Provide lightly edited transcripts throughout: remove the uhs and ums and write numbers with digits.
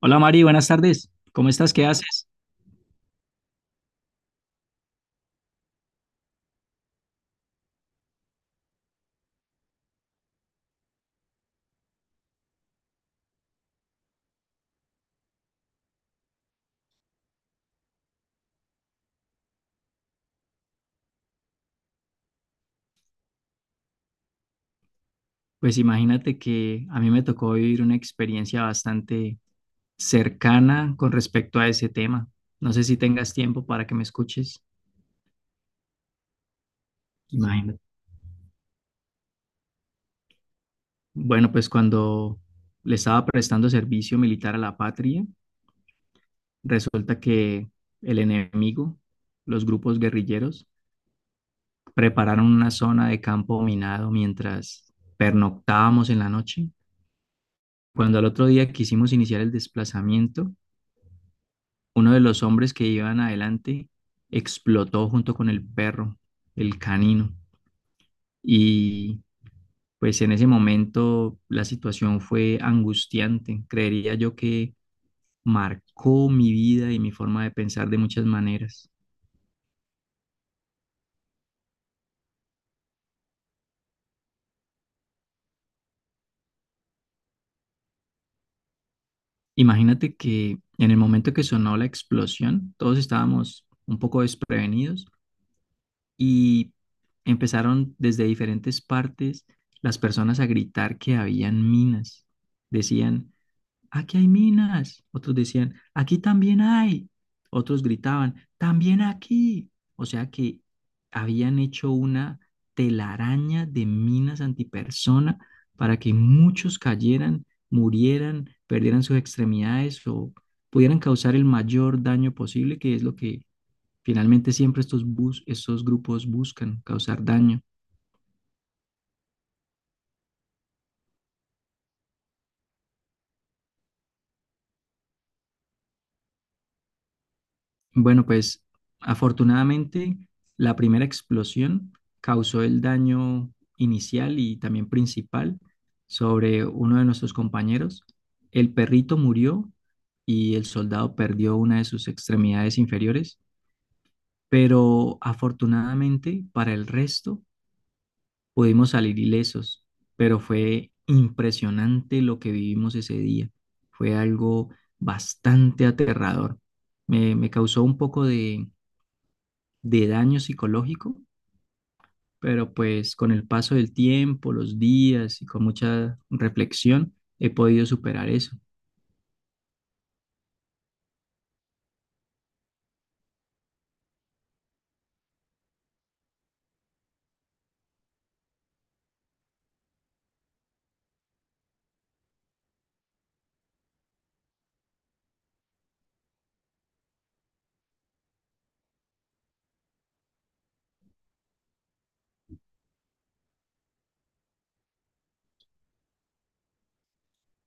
Hola Mari, buenas tardes. ¿Cómo estás? ¿Qué haces? Pues imagínate que a mí me tocó vivir una experiencia bastante cercana con respecto a ese tema. No sé si tengas tiempo para que me escuches. Imagínate. Bueno, pues cuando le estaba prestando servicio militar a la patria, resulta que el enemigo, los grupos guerrilleros, prepararon una zona de campo minado mientras pernoctábamos en la noche. Cuando al otro día quisimos iniciar el desplazamiento, uno de los hombres que iban adelante explotó junto con el perro, el canino, y pues en ese momento la situación fue angustiante. Creería yo que marcó mi vida y mi forma de pensar de muchas maneras. Imagínate que en el momento que sonó la explosión, todos estábamos un poco desprevenidos y empezaron desde diferentes partes las personas a gritar que habían minas. Decían, aquí hay minas. Otros decían, aquí también hay. Otros gritaban, también aquí. O sea que habían hecho una telaraña de minas antipersona para que muchos cayeran, murieran, perdieran sus extremidades o pudieran causar el mayor daño posible, que es lo que finalmente siempre estos grupos buscan, causar daño. Bueno, pues afortunadamente la primera explosión causó el daño inicial y también principal sobre uno de nuestros compañeros. El perrito murió y el soldado perdió una de sus extremidades inferiores, pero afortunadamente para el resto pudimos salir ilesos, pero fue impresionante lo que vivimos ese día. Fue algo bastante aterrador. Me causó un poco de daño psicológico, pero pues con el paso del tiempo, los días y con mucha reflexión he podido superar eso.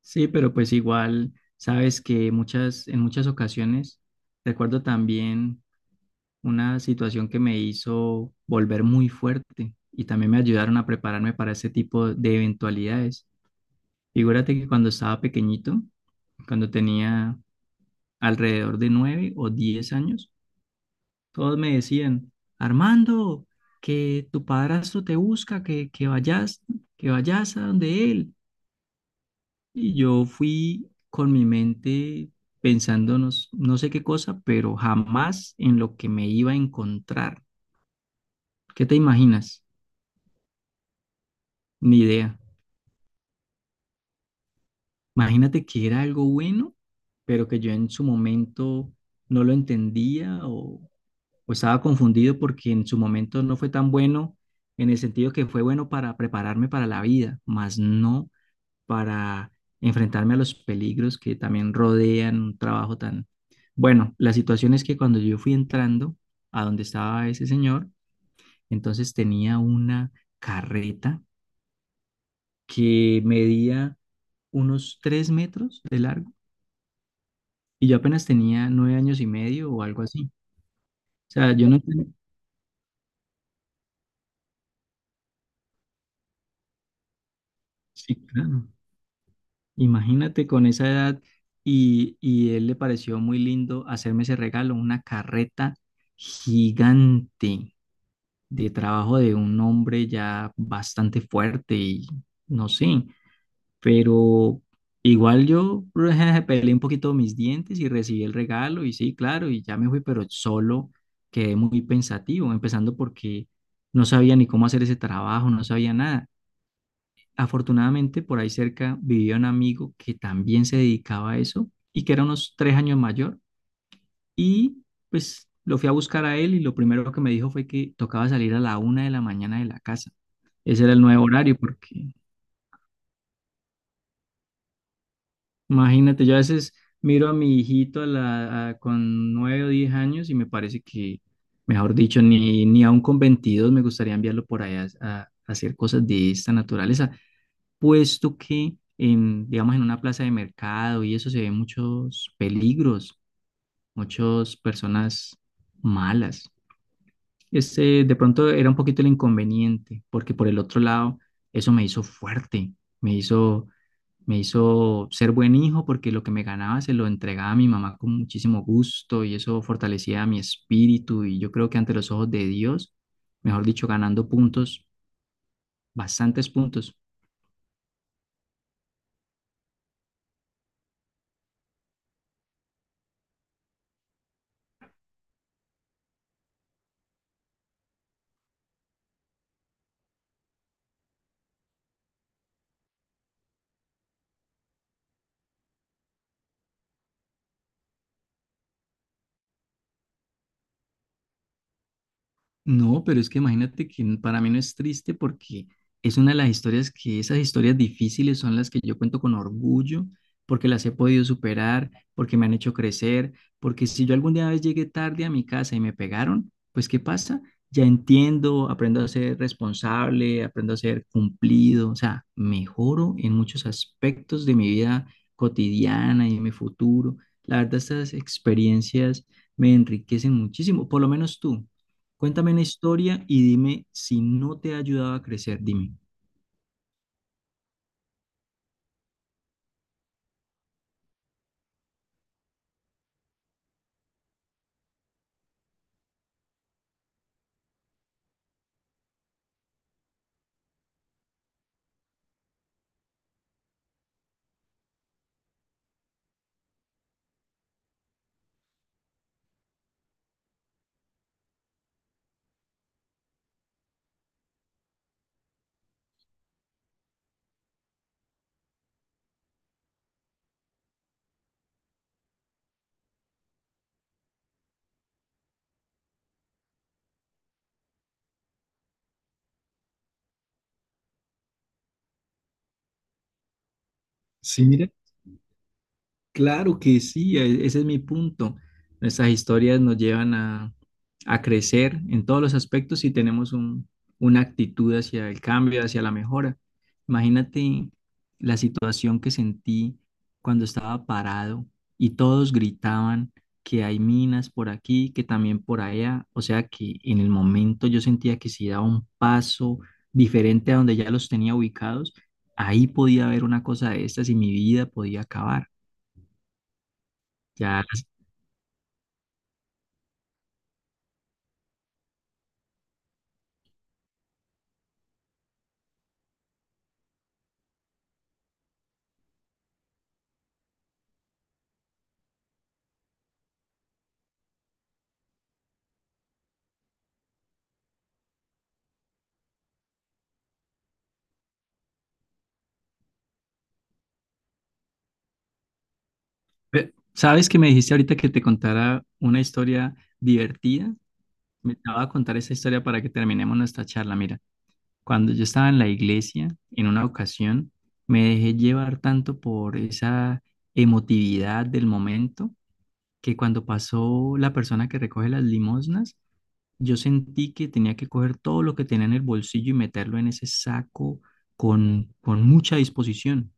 Sí, pero pues igual sabes que muchas, en muchas ocasiones recuerdo también una situación que me hizo volver muy fuerte y también me ayudaron a prepararme para ese tipo de eventualidades. Figúrate que cuando estaba pequeñito, cuando tenía alrededor de 9 o 10 años, todos me decían, Armando, que tu padrastro te busca, que vayas a donde él. Y yo fui con mi mente pensando no, no sé qué cosa, pero jamás en lo que me iba a encontrar. ¿Qué te imaginas? Ni idea. Imagínate que era algo bueno, pero que yo en su momento no lo entendía o estaba confundido porque en su momento no fue tan bueno, en el sentido que fue bueno para prepararme para la vida, más no para enfrentarme a los peligros que también rodean un trabajo tan... Bueno, la situación es que cuando yo fui entrando a donde estaba ese señor, entonces tenía una carreta que medía unos 3 metros de largo y yo apenas tenía 9 años y medio o algo así. O sea, yo no tenía... Imagínate con esa edad y él le pareció muy lindo hacerme ese regalo, una carreta gigante de trabajo de un hombre ya bastante fuerte y no sé, pero igual yo peleé un poquito mis dientes y recibí el regalo y sí, claro, y ya me fui, pero solo quedé muy pensativo, empezando porque no sabía ni cómo hacer ese trabajo, no sabía nada. Afortunadamente, por ahí cerca vivía un amigo que también se dedicaba a eso y que era unos 3 años mayor. Y pues lo fui a buscar a él y lo primero que me dijo fue que tocaba salir a la 1 de la mañana de la casa. Ese era el nuevo horario porque imagínate, yo a veces miro a mi hijito con 9 o 10 años y me parece que, mejor dicho, ni aún con 22 me gustaría enviarlo por allá a hacer cosas de esta naturaleza. Puesto que en, digamos, en una plaza de mercado y eso se ven muchos peligros, muchas personas malas. Ese de pronto era un poquito el inconveniente, porque por el otro lado, eso me hizo fuerte, me hizo, me hizo ser buen hijo porque lo que me ganaba se lo entregaba a mi mamá con muchísimo gusto y eso fortalecía mi espíritu y yo creo que ante los ojos de Dios, mejor dicho, ganando puntos, bastantes puntos. No, pero es que imagínate que para mí no es triste porque es una de las historias que esas historias difíciles son las que yo cuento con orgullo, porque las he podido superar, porque me han hecho crecer, porque si yo alguna vez llegué tarde a mi casa y me pegaron, pues ¿qué pasa? Ya entiendo, aprendo a ser responsable, aprendo a ser cumplido, o sea, mejoro en muchos aspectos de mi vida cotidiana y en mi futuro. La verdad, estas experiencias me enriquecen muchísimo, por lo menos tú. Cuéntame una historia y dime si no te ha ayudado a crecer, dime. Sí, mira, claro que sí, ese es mi punto. Nuestras historias nos llevan a crecer en todos los aspectos y tenemos una actitud hacia el cambio, hacia la mejora. Imagínate la situación que sentí cuando estaba parado y todos gritaban que hay minas por aquí, que también por allá. O sea que en el momento yo sentía que si daba un paso diferente a donde ya los tenía ubicados, ahí podía haber una cosa de estas y mi vida podía acabar. Ya. Sabes que me dijiste ahorita que te contara una historia divertida. Me estaba a contar esa historia para que terminemos nuestra charla. Mira, cuando yo estaba en la iglesia, en una ocasión, me dejé llevar tanto por esa emotividad del momento que cuando pasó la persona que recoge las limosnas, yo sentí que tenía que coger todo lo que tenía en el bolsillo y meterlo en ese saco con mucha disposición.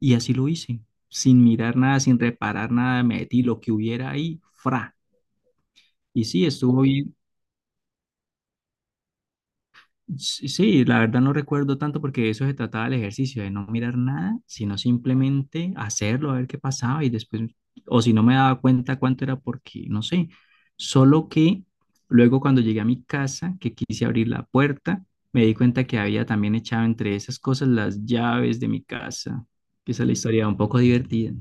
Y así lo hice, sin mirar nada, sin reparar nada, metí lo que hubiera ahí, fra. Y sí, estuvo bien. Sí, sí, la verdad no recuerdo tanto porque de eso se trataba el ejercicio, de no mirar nada, sino simplemente hacerlo, a ver qué pasaba y después, o si no me daba cuenta cuánto era porque, no sé, solo que luego cuando llegué a mi casa, que quise abrir la puerta, me di cuenta que había también echado entre esas cosas las llaves de mi casa, que esa es la historia un poco divertida.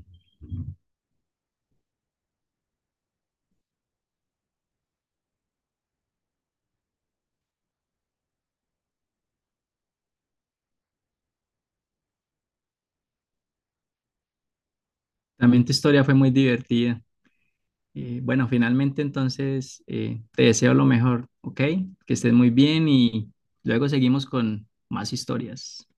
También tu historia fue muy divertida. Bueno, finalmente entonces te deseo lo mejor, ¿ok? Que estés muy bien y luego seguimos con más historias.